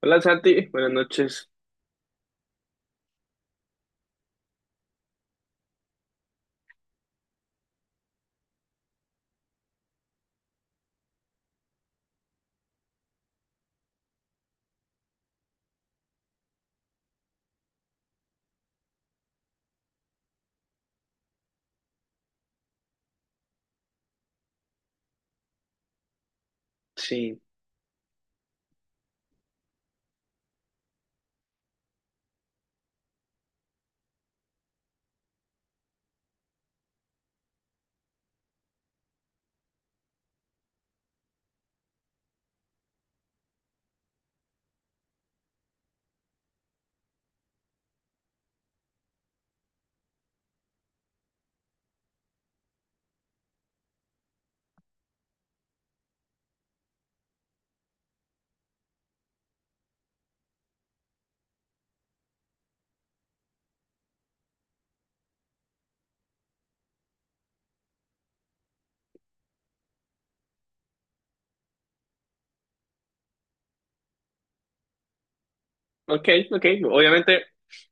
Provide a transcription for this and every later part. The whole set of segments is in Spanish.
Hola Santi, buenas noches. Sí, ok, ok. Obviamente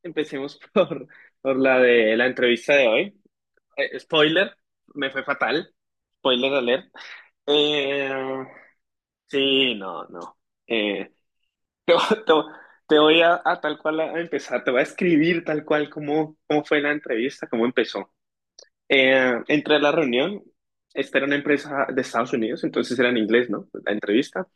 empecemos por la de la entrevista de hoy. Spoiler, me fue fatal. Spoiler alert. Eh, sí, no, no. Eh, te, vo- te- vo- te voy a tal cual a empezar, te voy a escribir tal cual cómo fue la entrevista, cómo empezó. Entré a la reunión, esta era una empresa de Estados Unidos, entonces era en inglés, ¿no? La entrevista.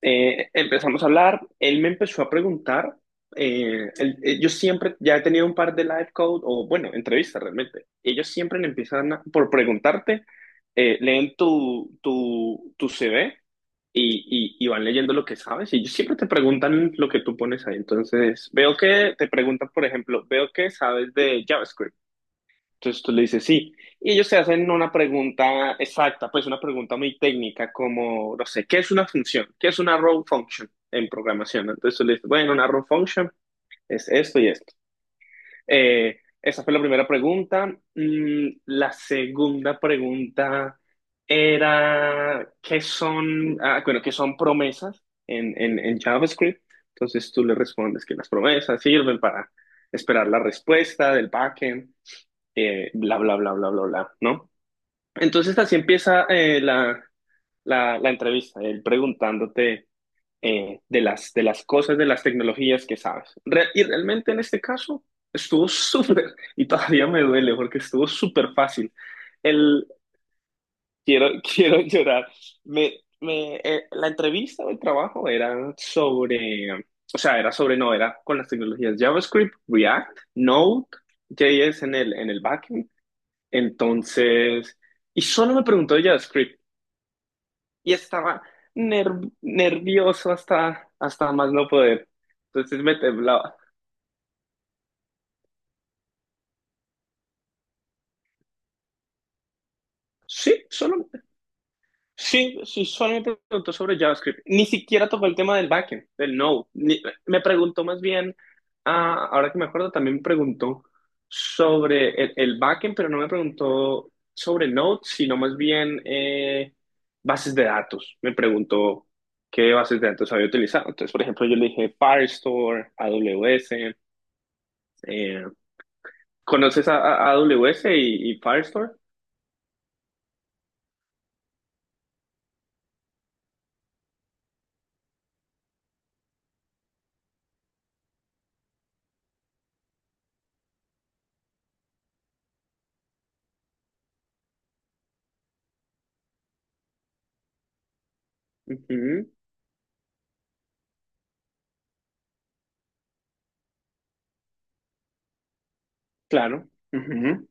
Empezamos a hablar, él me empezó a preguntar, yo siempre ya he tenido un par de live code o bueno, entrevistas realmente, y ellos siempre le empiezan por preguntarte, leen tu CV y van leyendo lo que sabes y ellos siempre te preguntan lo que tú pones ahí, entonces veo que te preguntan, por ejemplo, veo que sabes de JavaScript. Entonces tú le dices sí. Y ellos se hacen una pregunta exacta, pues una pregunta muy técnica, como, no sé, ¿qué es una función? ¿Qué es una row function en programación? Entonces tú le dices, bueno, una row function es esto y esto. Esa fue la primera pregunta. La segunda pregunta era, ¿qué son promesas en JavaScript? Entonces tú le respondes que las promesas sirven para esperar la respuesta del backend, bla, bla, bla, bla, bla, bla, ¿no? Entonces así empieza la entrevista, él preguntándote, de las cosas, de las tecnologías que sabes. Y realmente en este caso estuvo súper, y todavía me duele porque estuvo súper fácil. El, quiero, quiero llorar. Me, la entrevista o el trabajo era sobre, o sea, era sobre, no, era con las tecnologías JavaScript, React, Node, JS en el backend, entonces, y solo me preguntó de JavaScript y estaba ner- nervioso hasta más no poder. Entonces me temblaba. Sí, solo Sí, sí, solamente me preguntó sobre JavaScript. Ni siquiera tocó el tema del backend, del Node. Me preguntó más bien, ah, ahora que me acuerdo, también me preguntó sobre el backend, pero no me preguntó sobre Node, sino más bien, bases de datos. Me preguntó qué bases de datos había utilizado. Entonces, por ejemplo, yo le dije Firestore, AWS. eh, ¿Conoces AWS y Firestore? Ujú, claro. Ujú.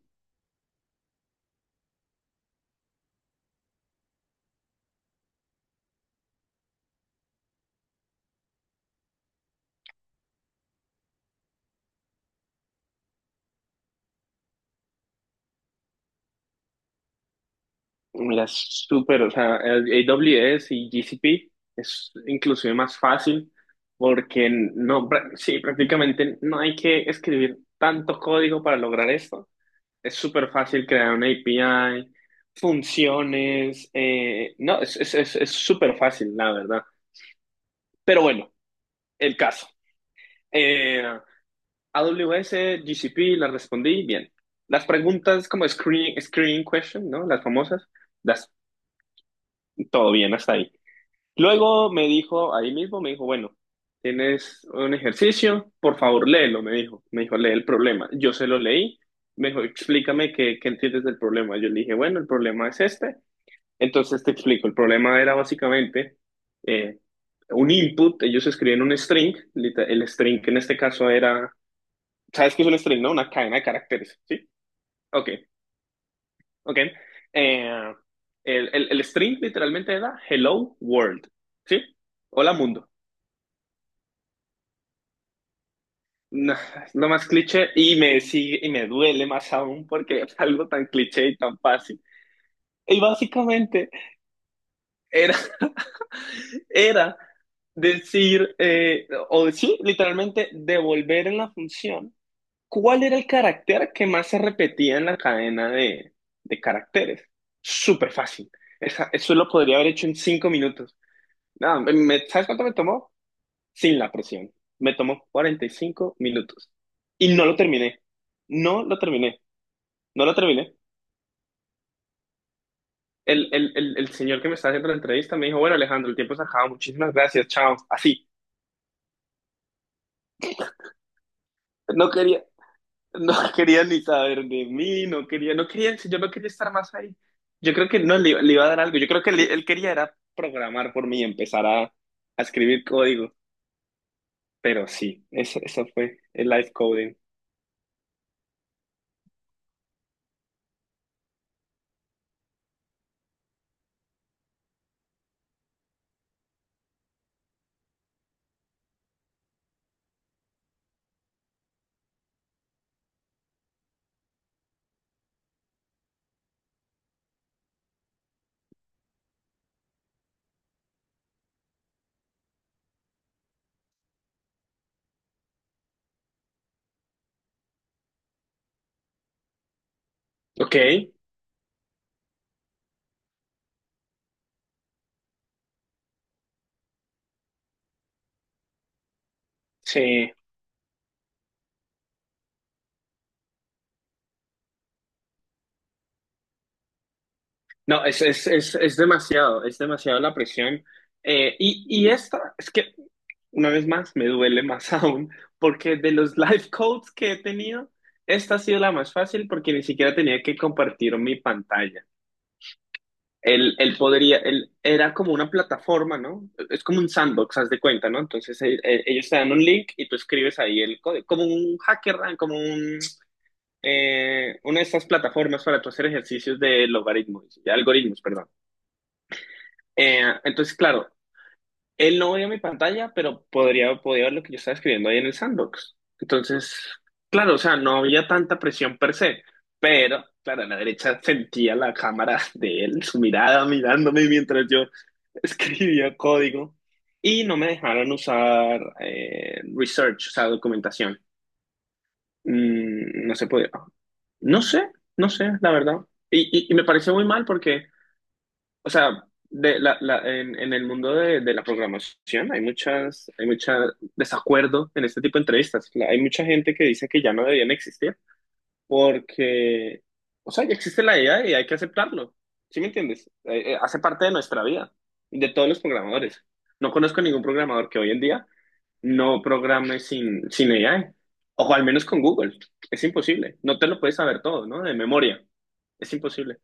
Mira, es súper, o sea, el AWS y GCP es inclusive más fácil porque no, sí, prácticamente no hay que escribir tanto código para lograr esto. Es súper fácil crear una API, funciones, no, es súper fácil, la verdad. Pero bueno, el caso. Eh, AWS, GCP, las respondí bien. Las preguntas como screening question, ¿no? Las famosas, las, todo bien hasta ahí. Luego me dijo, ahí mismo me dijo, bueno, tienes un ejercicio, por favor léelo, me dijo. Me dijo, lee el problema. Yo se lo leí, me dijo, explícame qué entiendes del problema. Yo le dije, bueno, el problema es este. Entonces te explico, el problema era básicamente, eh, un input, ellos escribían un string, el string en este caso era, ¿sabes qué es un string, no? Una cadena de caracteres, ¿sí? Ok, ok. Eh, el string literalmente era hello world, ¿sí? Hola mundo. No, es lo más cliché y me sigue y me duele más aún porque es algo tan cliché y tan fácil. Y básicamente era, era decir, o sí, literalmente devolver en la función cuál era el carácter que más se repetía en la cadena de caracteres. Súper fácil. Eso lo podría haber hecho en 5 minutos. Nada, ¿sabes cuánto me tomó? Sin la presión. Me tomó 45 minutos. Y no lo terminé. No lo terminé. No lo terminé. El señor que me estaba haciendo la entrevista me dijo, bueno, Alejandro, el tiempo se acaba, muchísimas gracias, chao. Así. No quería, no quería ni saber de mí, no quería, no quería, si yo no quería estar más ahí. Yo creo que no le iba a dar algo. Yo creo que él quería era programar por mí y empezar a escribir código. Pero sí, eso fue el live coding. Ok, sí. No, es demasiado, es demasiado la presión. Y es que una vez más, me duele más aún, porque de los life codes que he tenido, esta ha sido la más fácil porque ni siquiera tenía que compartir mi pantalla. Él era como una plataforma, ¿no? Es como un sandbox, haz de cuenta, ¿no? Entonces, ellos te dan un link y tú escribes ahí el código, como un hacker, ¿no? Una de estas plataformas para tú hacer ejercicios de logaritmos, de algoritmos, perdón. Entonces, claro, él no veía mi pantalla, pero podía ver lo que yo estaba escribiendo ahí en el sandbox. Entonces, claro, o sea, no había tanta presión per se, pero, claro, a la derecha sentía la cámara de él, su mirada mirándome mientras yo escribía código. Y no me dejaron usar, research, o sea, documentación. No se podía. No sé, no sé, la verdad. Y me pareció muy mal porque, o sea, de la, la- en el mundo de la programación hay mucha desacuerdo en este tipo de entrevistas. Hay mucha gente que dice que ya no debían existir porque, o sea, ya existe la IA y hay que aceptarlo. ¿Sí me entiendes? Hace parte de nuestra vida, de todos los programadores. No conozco ningún programador que hoy en día no programe sin AI, o al menos con Google. Es imposible. No te lo puedes saber todo, ¿no? De memoria. Es imposible.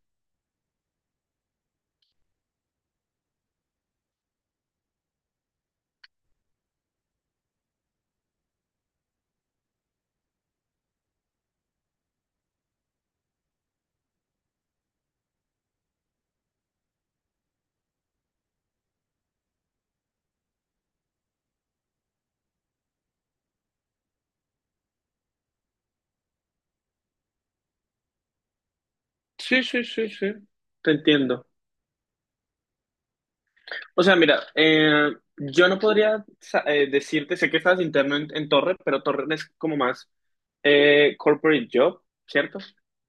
Sí, sí, sí, sí. Te entiendo. O sea, mira, yo no podría decirte, sé que estás interno en Torre, pero Torre es como más, corporate job, ¿cierto?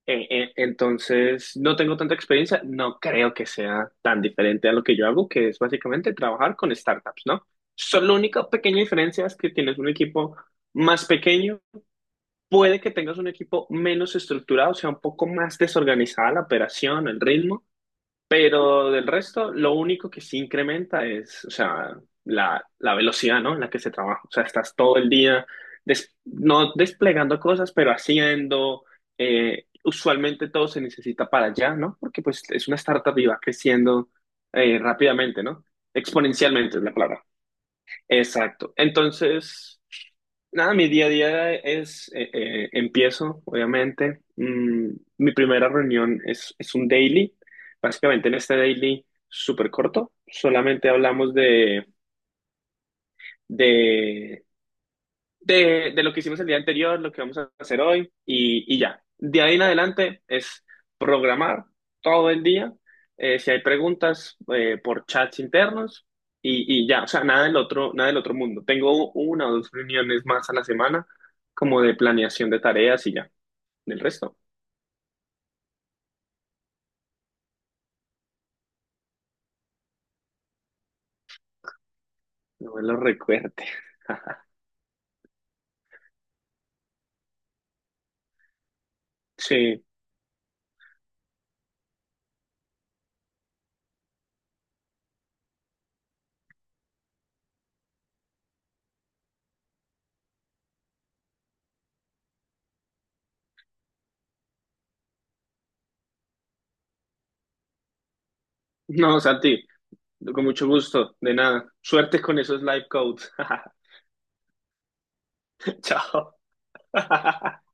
Entonces, no tengo tanta experiencia, no creo que sea tan diferente a lo que yo hago, que es básicamente trabajar con startups, ¿no? Solo la única pequeña diferencia es que tienes un equipo más pequeño, puede que tengas un equipo menos estructurado, o sea, un poco más desorganizada la operación, el ritmo, pero del resto, lo único que sí incrementa es, o sea, la velocidad, ¿no? En la que se trabaja. O sea, estás todo el día, no desplegando cosas, pero haciendo. Usualmente todo se necesita para allá, ¿no? Porque pues es una startup y va creciendo, rápidamente, ¿no? Exponencialmente es la palabra. Exacto. Entonces, nada, mi día a día empiezo, obviamente. Mi primera reunión es un daily. Básicamente en este daily súper corto, solamente hablamos de de lo que hicimos el día anterior, lo que vamos a hacer hoy y ya. De ahí en adelante es programar todo el día. Si hay preguntas, por chats internos, y ya, o sea, nada del otro, nada del otro mundo. Tengo una o dos reuniones más a la semana como de planeación de tareas y ya. Del resto. No me lo recuerde. Sí, no, Santi, con mucho gusto, de nada. Suerte con esos live codes. Chao.